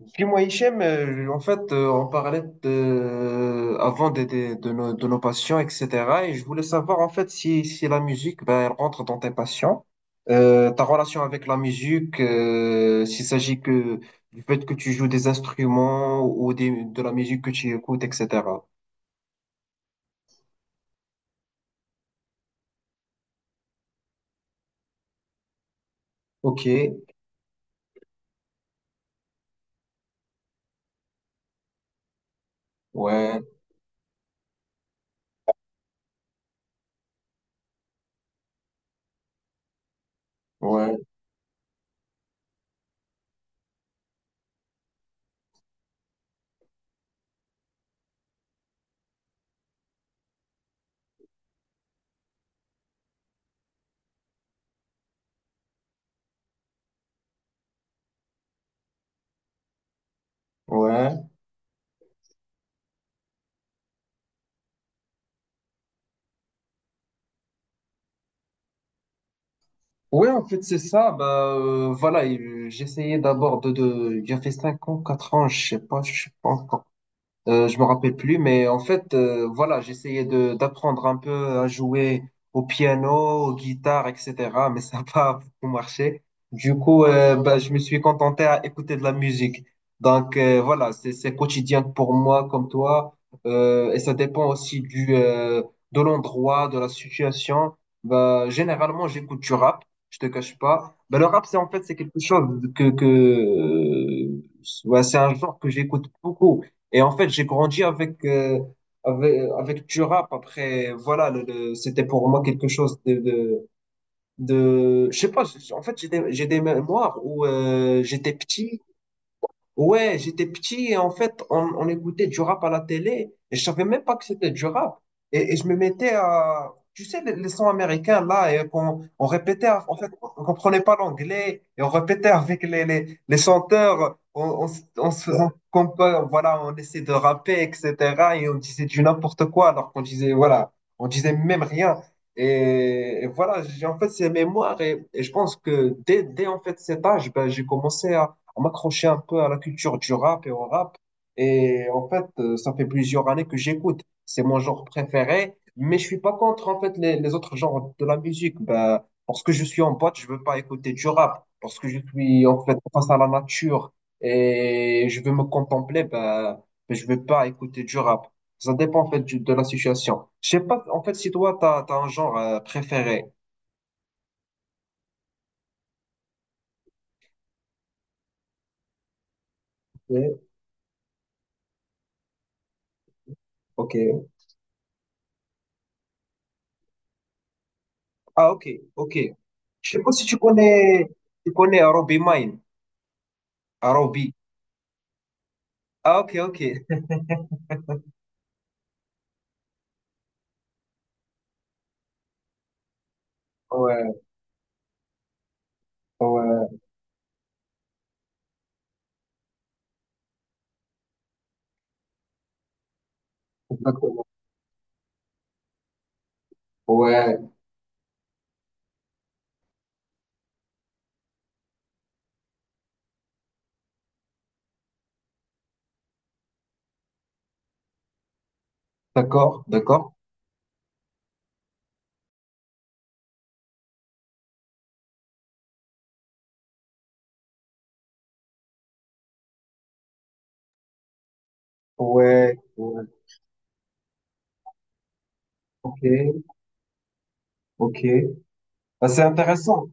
Dis-moi, Hichem, en fait, on parlait de, avant de nos passions, etc. Et je voulais savoir, en fait, si la musique, ben, elle rentre dans tes passions. Ta relation avec la musique, s'il s'agit que du fait que tu joues des instruments ou de la musique que tu écoutes, etc. Ok, ouais, ouais, ouais. Ouais, en fait, c'est ça. Bah, voilà, et, j'essayais d'abord de, de. J'ai fait 5 ans, 4 ans, je sais pas, je sais pas. Je me rappelle plus, mais en fait, voilà, j'essayais de d'apprendre un peu à jouer au piano, aux guitares, etc. Mais ça n'a pas beaucoup marché. Du coup, bah, je me suis contenté à écouter de la musique. Donc voilà, c'est quotidien pour moi comme toi. Et ça dépend aussi du de l'endroit, de la situation. Bah, généralement, j'écoute du rap. Je te cache pas. Bah, le rap, c'est en fait c'est quelque chose que ouais, c'est un genre que j'écoute beaucoup et en fait, j'ai grandi avec du rap. Après, voilà, c'était pour moi quelque chose je sais pas, en fait, j'ai des mémoires où j'étais petit. Ouais, j'étais petit et en fait, on écoutait du rap à la télé et je savais même pas que c'était du rap. Et je me mettais à, tu sais, les sons américains là, et qu'on on répétait, en fait, on comprenait pas l'anglais et on répétait avec les chanteurs, on se faisait comme quoi, voilà, on essayait de rapper, etc. Et on disait du n'importe quoi alors qu'on disait, voilà, on disait même rien. Et voilà, j'ai en fait ces mémoires et je pense que dès en fait cet âge, ben, j'ai commencé à m'accrocher un peu à la culture du rap et au rap. Et en fait, ça fait plusieurs années que j'écoute. C'est mon genre préféré, mais je suis pas contre en fait les autres genres de la musique. Bah, parce que je suis en boîte, je veux pas écouter du rap. Parce que je suis en fait face à la nature et je veux me contempler, bah, je veux pas écouter du rap. Ça dépend en fait de la situation. Je sais pas en fait si toi t'as un genre préféré. Ok. Ok. Ah, ok, ok. Je sais pas si tu connais Robbie Mine. Arobi. Ah, ok, ok. Ouais, ouais, exactement. Ouais, d'accord, d'accord. Ouais, ouais, ok, ok. Bah, c'est intéressant.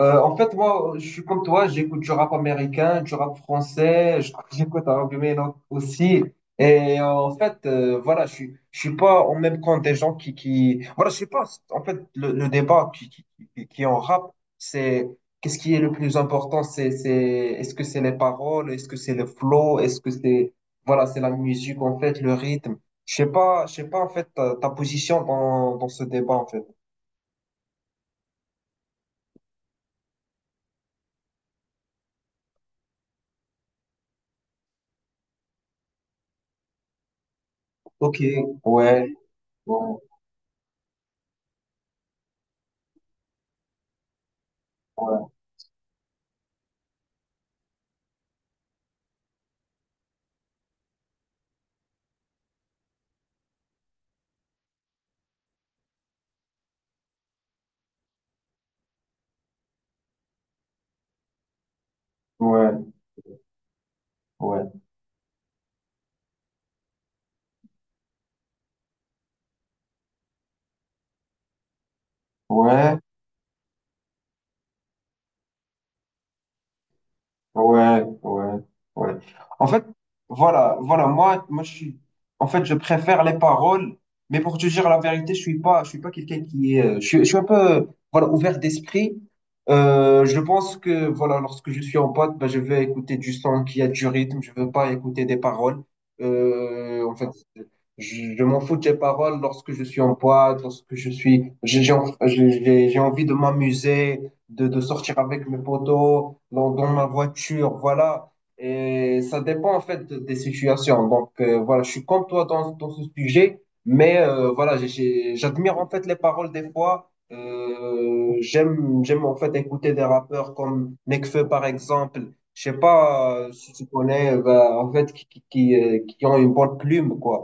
En fait, moi, je suis comme toi, j'écoute du rap américain, du rap français, j'écoute un peu mes langues aussi. Et en fait, voilà, je suis pas en même compte des gens qui, voilà, je sais pas. En fait, le débat qui est en rap, c'est qu'est-ce qui est le plus important? C'est, est-ce que c'est les paroles? Est-ce que c'est le flow? Est-ce que c'est, voilà, c'est la musique, en fait, le rythme? Je sais pas, en fait, ta position dans ce débat, en fait. Ok, ouais, ouais, ouais. Ouais. Ouais, ouais, ouais, ouais, ouais. En fait, voilà, voilà, moi, je suis, en fait, je préfère les paroles, mais pour te dire la vérité, je suis pas quelqu'un qui est, je suis un peu, voilà, ouvert d'esprit. Je pense que, voilà, lorsque je suis en pote, ben, je vais écouter du son qui a du rythme, je veux pas écouter des paroles. En fait, je m'en fous des paroles lorsque je suis en pote, j'ai en- j'ai- j'ai envie de m'amuser. De sortir avec mes potos, dans ma voiture, voilà. Et ça dépend en fait des situations. Donc voilà, je suis comme toi dans ce sujet, mais voilà, j'admire en fait les paroles des fois. J'aime, j'aime en fait écouter des rappeurs comme Nekfeu par exemple. Je sais pas si tu connais, bah, en fait, qui ont une bonne plume, quoi.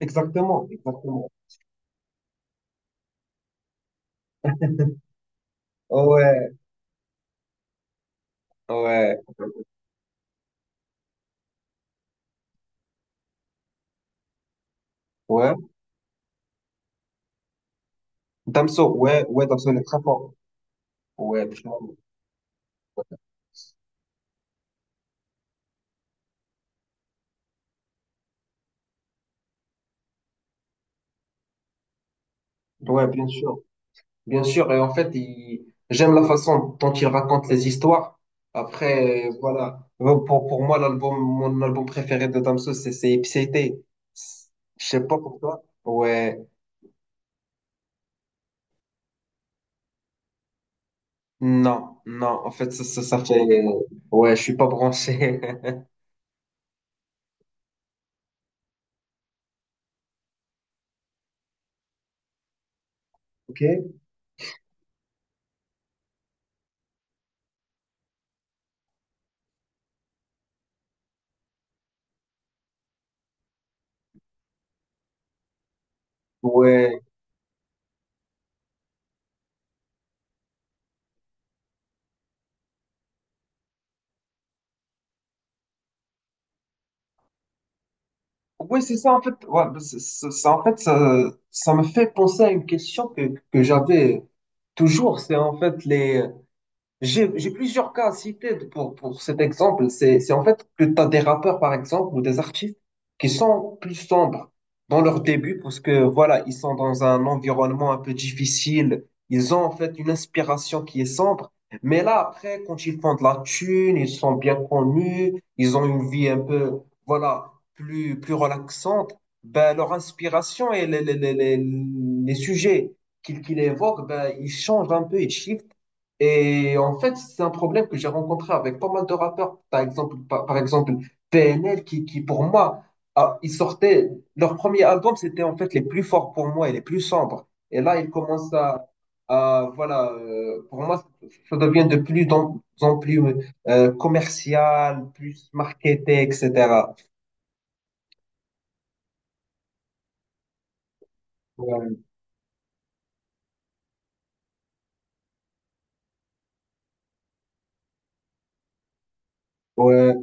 Exactement, exactement. Ouais, ouais, ouais. Damso, ouais, ouais, Damso, il est très fort. Ouais, très fort. Ouais, bien sûr, bien sûr. Et en fait, j'aime la façon dont il raconte les histoires. Après, voilà. Bon, pour moi, mon album préféré de Damso, c'est Ipséité. Je sais pas pourquoi. Ouais, non, non. En fait, ça fait. Ouais, je suis pas branché. Ok. Ouais. Ouais, c'est ça en fait. Ouais, ça, en fait, ça me fait penser à une question que j'avais toujours. C'est en fait les. J'ai plusieurs cas à citer pour cet exemple. C'est en fait que tu as des rappeurs, par exemple, ou des artistes qui sont plus sombres dans leur début parce que, voilà, ils sont dans un environnement un peu difficile. Ils ont en fait une inspiration qui est sombre. Mais là, après, quand ils font de la thune, ils sont bien connus, ils ont une vie un peu, voilà, plus relaxante, ben, leur inspiration et les sujets qu'ils évoquent, ben, ils changent un peu, ils shiftent. Et en fait, c'est un problème que j'ai rencontré avec pas mal de rappeurs. Par exemple PNL, qui pour moi, ah, ils sortaient, leur premier album, c'était en fait les plus forts pour moi et les plus sombres. Et là, ils commencent à, voilà, pour moi, ça devient de plus en plus commercial, plus marketé, etc. Ouais, ouais,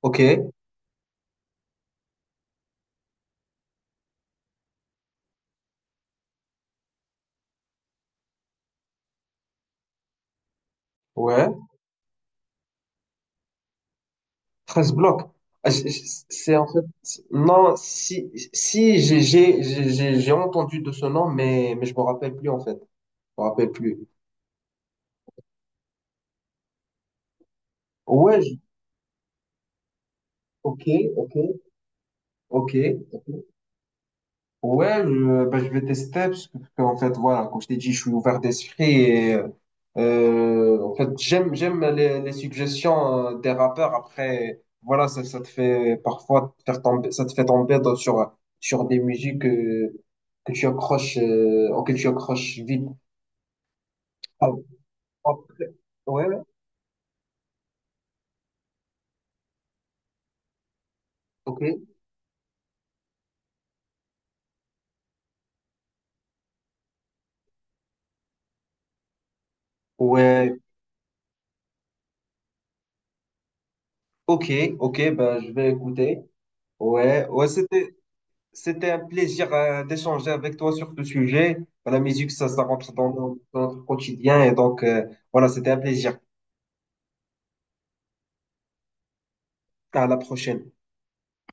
ok, ouais. 13 blocs. Ah, c'est en fait, non, si j'ai entendu de ce nom, mais, je me rappelle plus en fait. Je me rappelle plus. Ouais, ok, ok, ok. Ouais, bah, je vais tester parce que, en fait, voilà, comme je t'ai dit, je suis ouvert d'esprit et en fait, j'aime les suggestions des rappeurs. Après, voilà, ça te fait parfois te faire tomber, ça te fait tomber sur des musiques que tu accroches, auxquelles tu accroches vite. Ah, après- ouais, ok, ouais, ok, ok, bah, je vais écouter. Ouais, ouais, c'était un plaisir d'échanger avec toi sur ce sujet. La musique, ça rentre dans notre quotidien et donc, voilà, c'était un plaisir. À la prochaine.